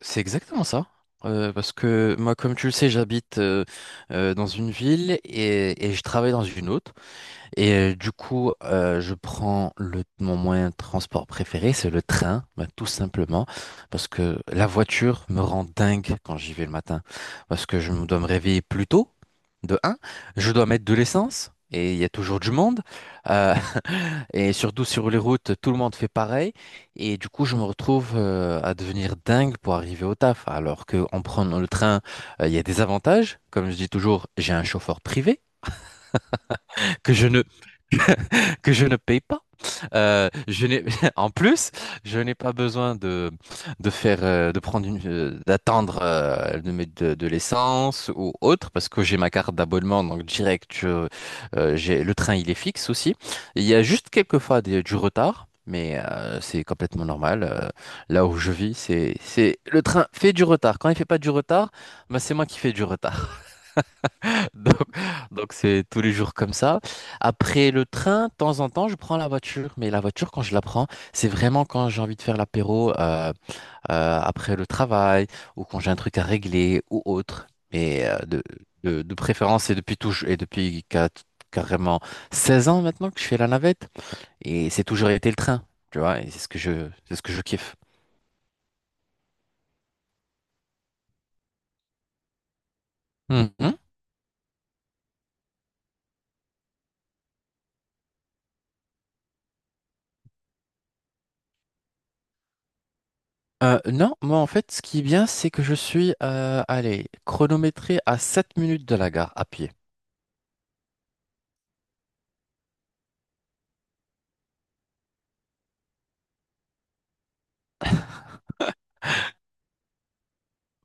C'est exactement ça. Parce que moi, comme tu le sais, j'habite dans une ville et je travaille dans une autre. Et du coup, je prends mon moyen de transport préféré, c'est le train, bah, tout simplement, parce que la voiture me rend dingue quand j'y vais le matin, parce que je me dois me réveiller plus tôt, de un, je dois mettre de l'essence, et il y a toujours du monde, euh, et surtout sur les routes, tout le monde fait pareil, et du coup, je me retrouve à devenir dingue pour arriver au taf, alors que en prenant le train, il y a des avantages, comme je dis toujours, j'ai un chauffeur privé que je ne que je ne paye pas. Je n'ai, en plus, je n'ai pas besoin de faire, de prendre d'attendre mettre de l'essence ou autre, parce que j'ai ma carte d'abonnement, donc direct, le train il est fixe aussi. Il y a juste quelques fois du retard, mais c'est complètement normal. Là où je vis, c'est, le train fait du retard. Quand il fait pas du retard, bah, c'est moi qui fais du retard. Donc, c'est tous les jours comme ça. Après le train, de temps en temps, je prends la voiture. Mais la voiture, quand je la prends, c'est vraiment quand j'ai envie de faire l'apéro après le travail ou quand j'ai un truc à régler ou autre. Mais de préférence, et depuis tout, et depuis quat- carrément 16 ans maintenant que je fais la navette. Et c'est toujours été le train, tu vois. Et c'est ce que je kiffe. Mhm. Non, moi en fait, ce qui est bien, c'est que je suis allez, chronométré à 7 minutes de la gare à pied.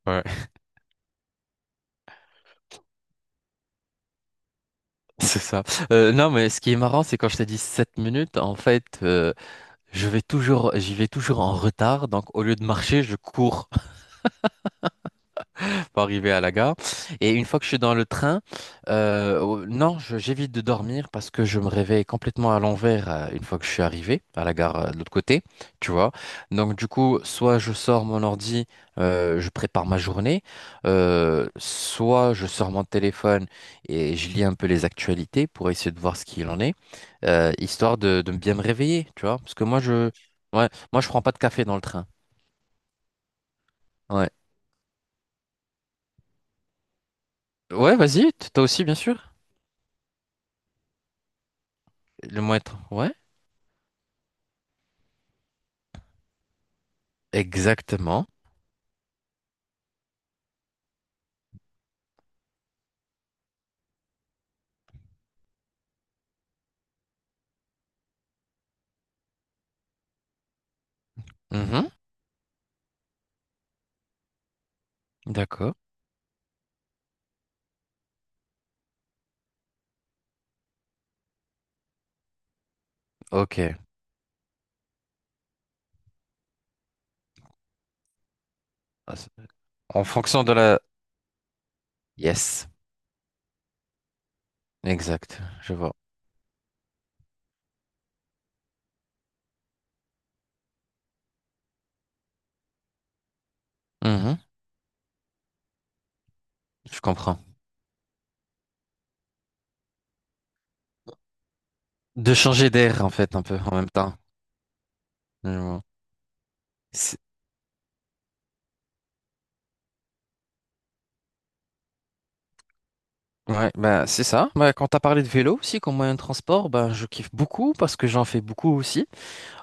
Ouais, c'est ça. Non, mais ce qui est marrant, c'est quand je t'ai dit 7 minutes, en fait, j'y vais toujours en retard. Donc, au lieu de marcher, je cours pour arriver à la gare. Et une fois que je suis dans le train, oh, non, j'évite de dormir parce que je me réveille complètement à l'envers une fois que je suis arrivé à la gare de l'autre côté, tu vois. Donc du coup, soit je sors mon ordi, je prépare ma journée, soit je sors mon téléphone et je lis un peu les actualités pour essayer de voir ce qu'il en est, histoire de bien me réveiller, tu vois. Parce que moi, ouais, moi, je prends pas de café dans le train. Ouais, ouais, vas-y, toi aussi, bien sûr. Le moins, ouais. Exactement. Mhm. D'accord. Ok. Ah. En fonction de la... Yes. Exact. Je vois. Mhm. Je comprends. De changer d'air, en fait, un peu en même temps. Je vois. C'est- Ouais, ben, c'est ça. Ben, quand tu as parlé de vélo aussi comme moyen de transport, ben, je kiffe beaucoup parce que j'en fais beaucoup aussi.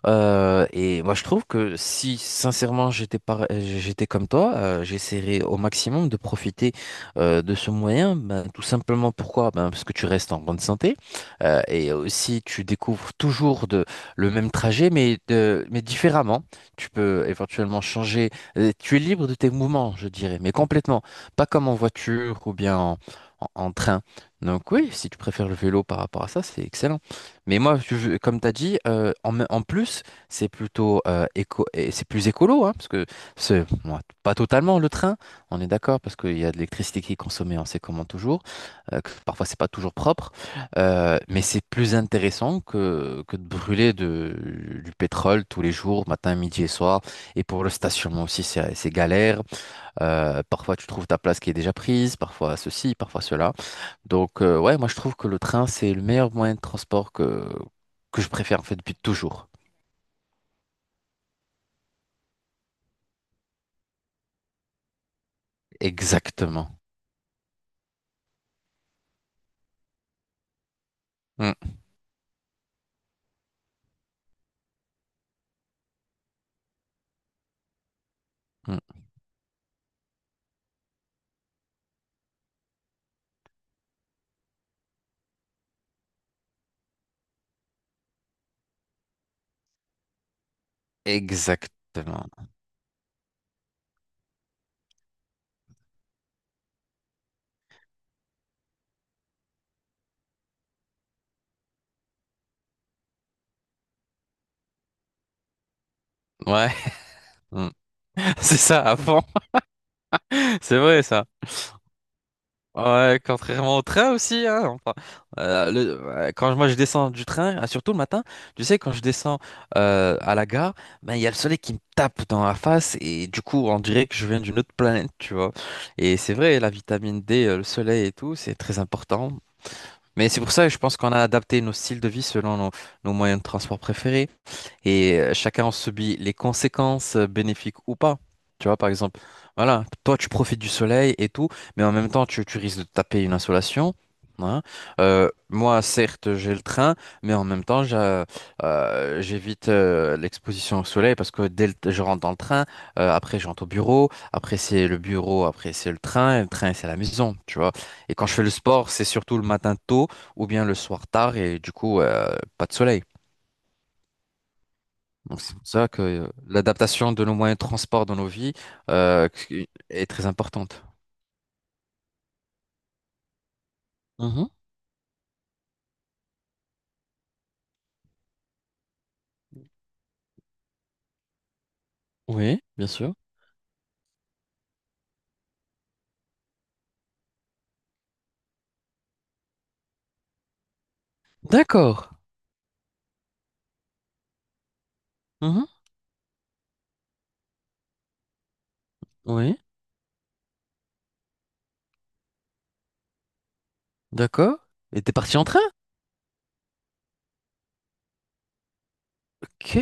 Et moi, je trouve que si sincèrement j'étais comme toi, j'essaierais au maximum de profiter de ce moyen. Ben, tout simplement pourquoi? Ben, parce que tu restes en bonne santé et aussi tu découvres toujours le même trajet, mais différemment. Tu peux éventuellement changer. Tu es libre de tes mouvements, je dirais, mais complètement. Pas comme en voiture ou bien en, en train. Donc oui, si tu préfères le vélo par rapport à ça, c'est excellent. Mais moi, je comme tu as dit, en plus, c'est plutôt éco, et c'est plus écolo, hein, parce que c'est bon, pas totalement le train, on est d'accord, parce qu'il y a de l'électricité qui est consommée, on sait comment toujours, que parfois c'est pas toujours propre, mais c'est plus intéressant que de brûler du pétrole tous les jours, matin, midi et soir. Et pour le stationnement aussi, c'est galère. Parfois, tu trouves ta place qui est déjà prise, parfois ceci, parfois cela. Donc, ouais, moi, je trouve que le train, c'est le meilleur moyen de transport que je préfère, en fait, depuis toujours. Exactement. Mm, mm, exactement. Ouais, mm. C'est ça, à fond. C'est vrai, ça. Ouais, contrairement au train aussi, hein, enfin, quand moi je descends du train, ah, surtout le matin, tu sais, quand je descends à la gare, ben il y a le soleil qui me tape dans la face et du coup on dirait que je viens d'une autre planète, tu vois. Et c'est vrai, la vitamine D, le soleil et tout, c'est très important. Mais c'est pour ça que je pense qu'on a adapté nos styles de vie selon nos moyens de transport préférés et chacun en subit les conséquences bénéfiques ou pas. Tu vois, par exemple, voilà, toi tu profites du soleil et tout, mais en même temps tu risques de te taper une insolation, hein. Moi, certes, j'ai le train, mais en même temps, j'évite l'exposition au soleil parce que dès que je rentre dans le train, après je rentre au bureau, après c'est le bureau, après c'est le train, et le train c'est la maison, tu vois. Et quand je fais le sport, c'est surtout le matin tôt ou bien le soir tard et du coup, pas de soleil. Donc c'est pour ça que l'adaptation de nos moyens de transport dans nos vies euh, est très importante. Mhm. Oui, bien sûr. D'accord. Mhm. Oui, d'accord. Et t'es parti en train? Ok.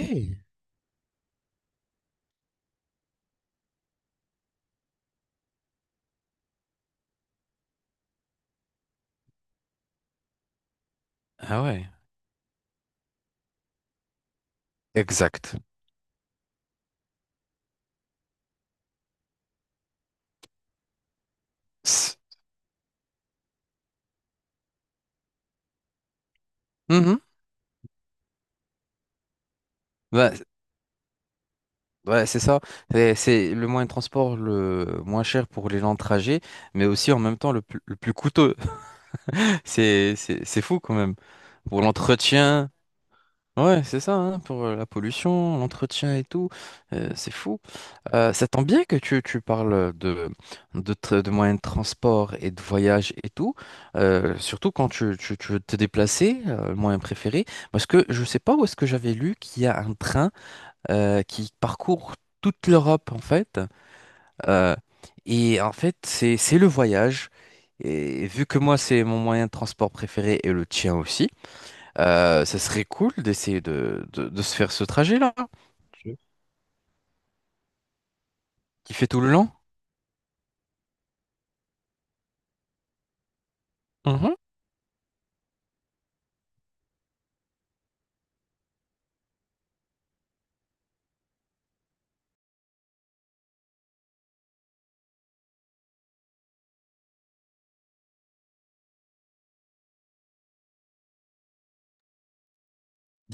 Ah ouais. Exact. S- Mhm. Ouais, ouais, c'est ça. C'est le moyen de transport le moins cher pour les gens de trajet, mais aussi en même temps le plus coûteux. C'est fou quand même. Pour l'entretien. Ouais, c'est ça, hein, pour la pollution, l'entretien et tout, c'est fou. Ça tombe bien que tu parles de moyens de transport et de voyage et tout, surtout quand tu veux te déplacer, le moyen préféré, parce que je sais pas où est-ce que j'avais lu qu'il y a un train qui parcourt toute l'Europe en fait, euh, et en fait c'est le voyage, et vu que moi c'est mon moyen de transport préféré et le tien aussi, ça serait cool d'essayer de se faire ce trajet-là, qui fait tout le long. Mhm.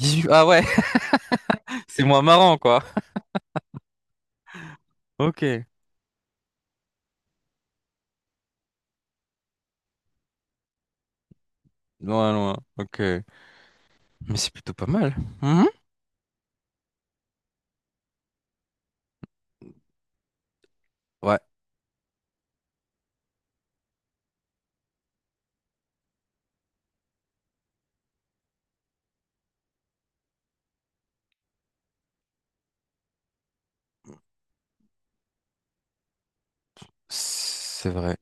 Huit. Ah ouais, c'est moins marrant, quoi. Ok. Loin, loin. Ok. Mais c'est plutôt pas mal. Mhm. Ouais, c'est vrai.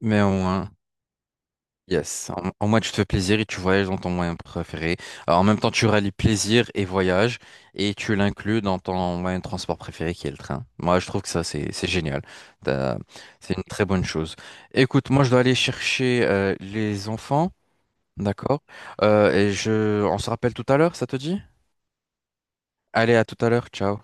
Mais au moins. Yes, en moins tu te fais plaisir et tu voyages dans ton moyen préféré. Alors, en même temps, tu rallies plaisir et voyage et tu l'inclus dans ton moyen de transport préféré qui est le train. Moi, je trouve que ça, c'est génial. T'as- C'est une très bonne chose. Écoute, moi, je dois aller chercher les enfants, d'accord? Et on se rappelle tout à l'heure, ça te dit? Allez, à tout à l'heure, ciao.